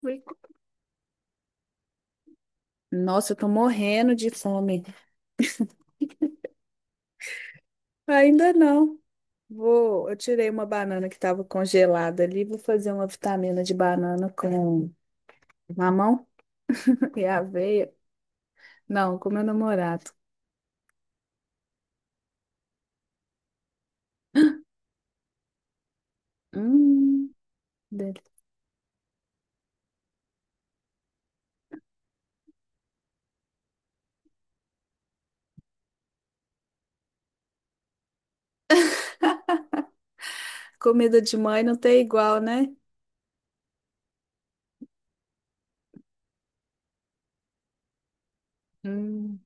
Fui- Nossa, eu tô morrendo de fome. Ainda não. Eu tirei uma banana que tava congelada ali, vou fazer uma vitamina de banana com mamão e aveia. Não, com meu namorado. Hum, dele. Comida de mãe não tem igual, né? Hum,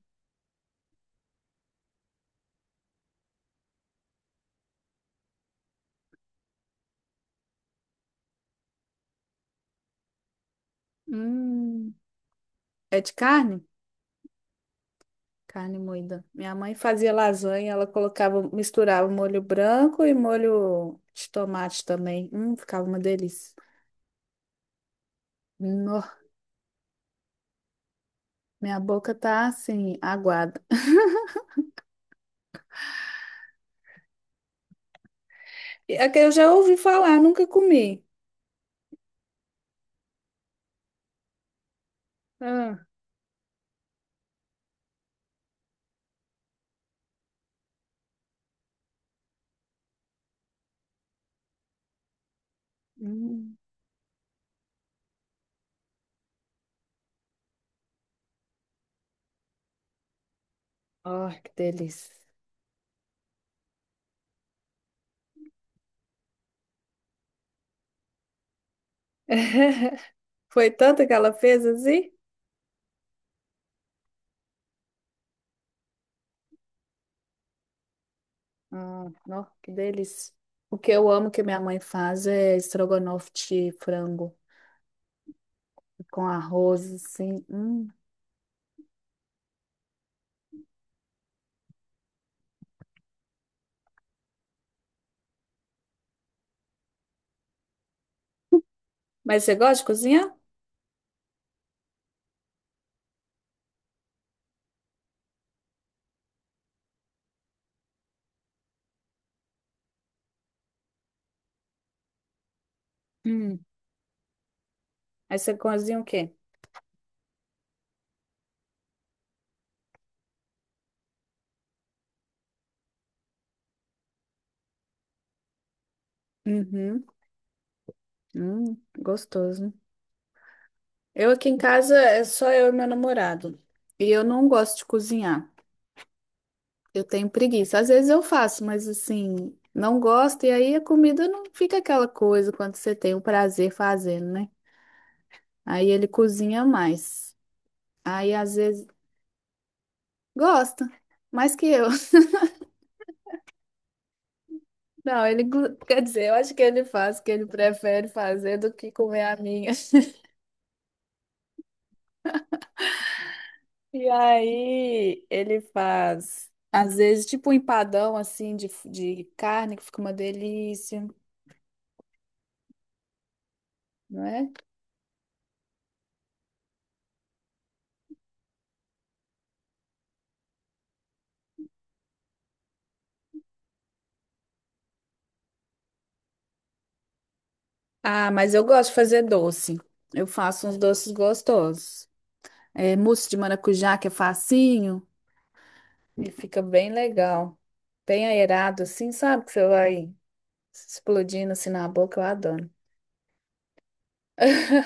hum. É de carne? Carne moída. Minha mãe fazia lasanha, ela colocava, misturava molho branco e molho de tomate também. Ficava uma delícia. No Minha boca tá assim, aguada. É que eu já ouvi falar, nunca comi. Ah, hum. Ai, que delícia. Foi tanta que ela fez assim? Ah, nó, que delícia. O que eu amo que minha mãe faz é estrogonofe de frango com arroz, assim. Hum. Mas você gosta de cozinhar? Hum. Aí você cozinha o quê? Uhum. Gostoso. Eu aqui em casa é só eu e meu namorado. E eu não gosto de cozinhar. Eu tenho preguiça. Às vezes eu faço, mas assim, não gosto, e aí a comida não fica aquela coisa quando você tem o prazer fazendo, né? Aí ele cozinha mais. Aí às vezes gosta, mais que eu. Não, quer dizer, eu acho que ele faz o que ele prefere fazer do que comer a minha. E aí ele faz, às vezes, tipo um empadão assim de carne, que fica uma delícia, não é? Ah, mas eu gosto de fazer doce. Eu faço uns doces gostosos. É, mousse de maracujá, que é facinho, e fica bem legal. Bem aerado, assim, sabe? Que você vai explodindo assim na boca, eu adoro.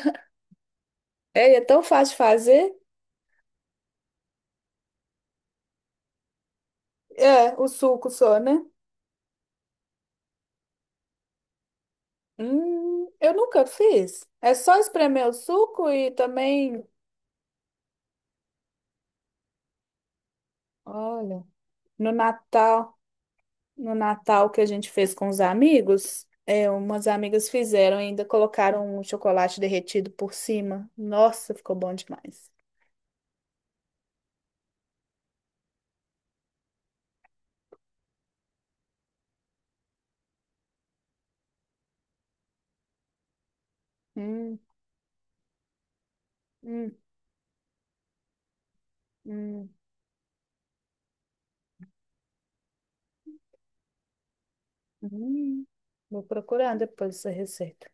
É, e é tão fácil de fazer. É, o suco só, né? Eu nunca fiz. É só espremer o suco e também, olha, no Natal. No Natal que a gente fez com os amigos, é, umas amigas fizeram e ainda colocaram um chocolate derretido por cima. Nossa, ficou bom demais. Hum, hum, hum, hum. Vou procurar depois essa receita.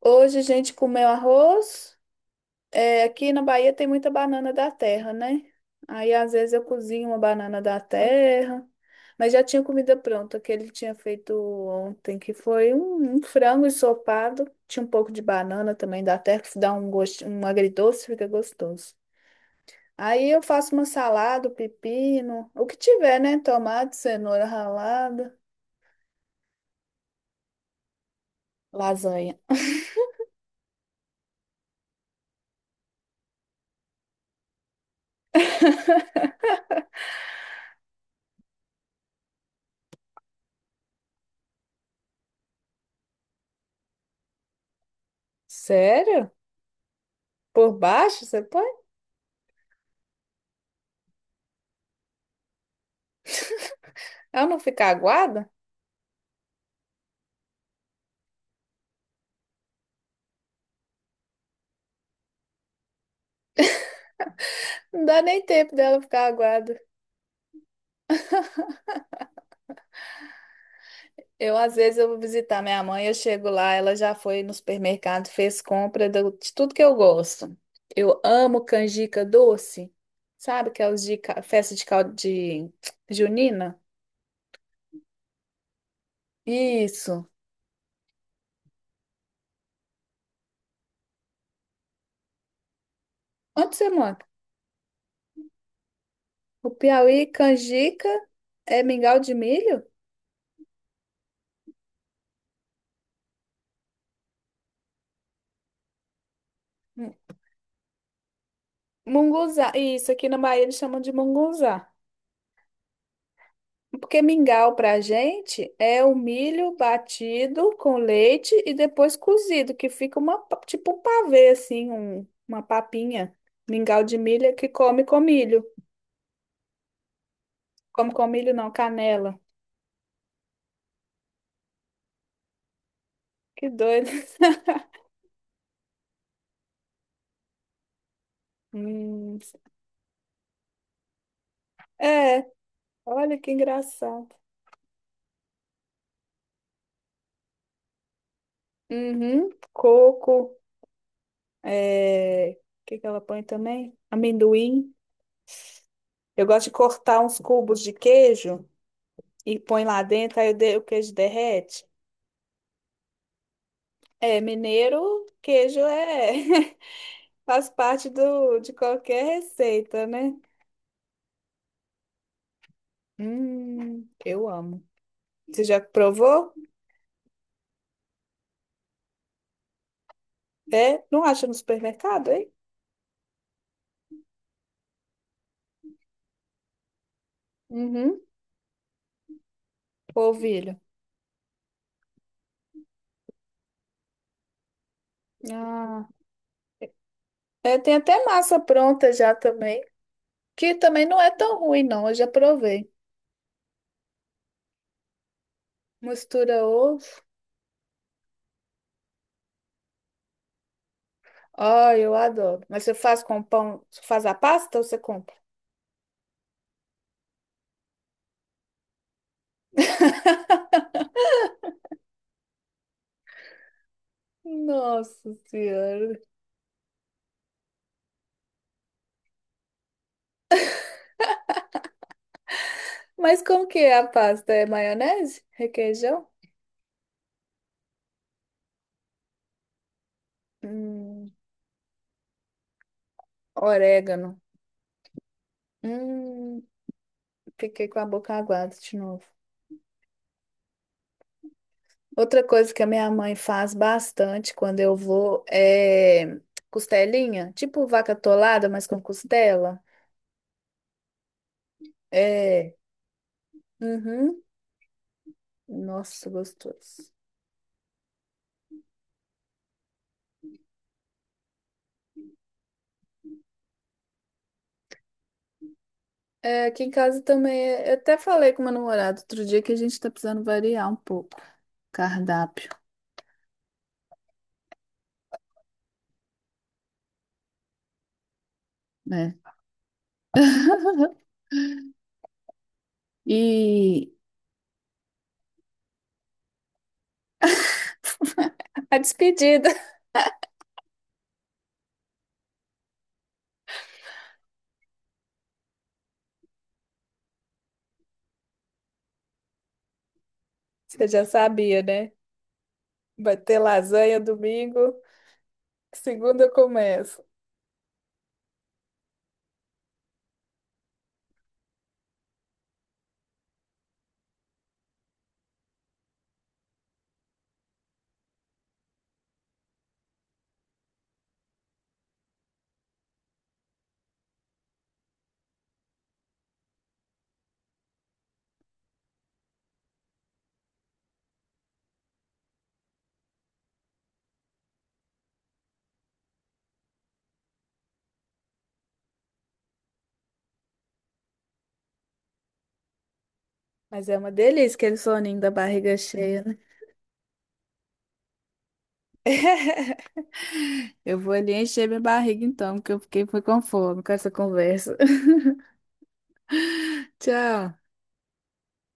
Hoje a gente comeu arroz. É, aqui na Bahia tem muita banana da terra, né? Aí às vezes eu cozinho uma banana da terra, mas já tinha comida pronta que ele tinha feito ontem, que foi um frango ensopado, tinha um pouco de banana também da terra, que dá um gosto, um agridoce, fica gostoso. Aí eu faço uma salada, pepino, o que tiver, né? Tomate, cenoura ralada, lasanha. Sério? Por baixo você põe? Ela não fica aguada? Não dá nem tempo dela ficar aguada. Eu, às vezes, eu vou visitar minha mãe, eu chego lá, ela já foi no supermercado, fez compra de tudo que eu gosto. Eu amo canjica doce, sabe? Que é os festa de caldo de junina. Isso. Onde você mora? O Piauí, canjica, é mingau de milho? Hum, Munguzá. Isso, aqui na Bahia eles chamam de munguzá. Porque mingau para a gente é o milho batido com leite e depois cozido, que fica tipo um pavê, assim, uma papinha. Mingau de milho é que come com milho. Come com milho não, canela. Que doido. Hum, é, olha que engraçado. Uhum, coco, é, o que que ela põe também? Amendoim. Eu gosto de cortar uns cubos de queijo e põe lá dentro, aí o queijo derrete. É, mineiro, queijo é faz parte do, de qualquer receita, né? Eu amo. Você já provou? É, não acha no supermercado, hein? Uhum, polvilho. Ah, é, tem até massa pronta já também, que também não é tão ruim, não. Eu já provei. Mistura ovo. Ai, eu adoro. Mas você faz com pão, você faz a pasta ou você compra? Nossa Senhora. Mas como que é a pasta? É maionese? Requeijão? Hum. Orégano. Hum, fiquei com a boca aguada de novo. Outra coisa que a minha mãe faz bastante quando eu vou é costelinha, tipo vaca atolada, mas com costela. É. Uhum. Nossa, gostoso. É, aqui em casa também, eu até falei com meu namorado outro dia que a gente tá precisando variar um pouco o cardápio, né? E a despedida, você já sabia, né? Vai ter lasanha domingo. Segunda eu começo. Mas é uma delícia aquele soninho da barriga cheia, né? Eu vou ali encher minha barriga então, porque eu fiquei foi com fome com essa conversa. Tchau.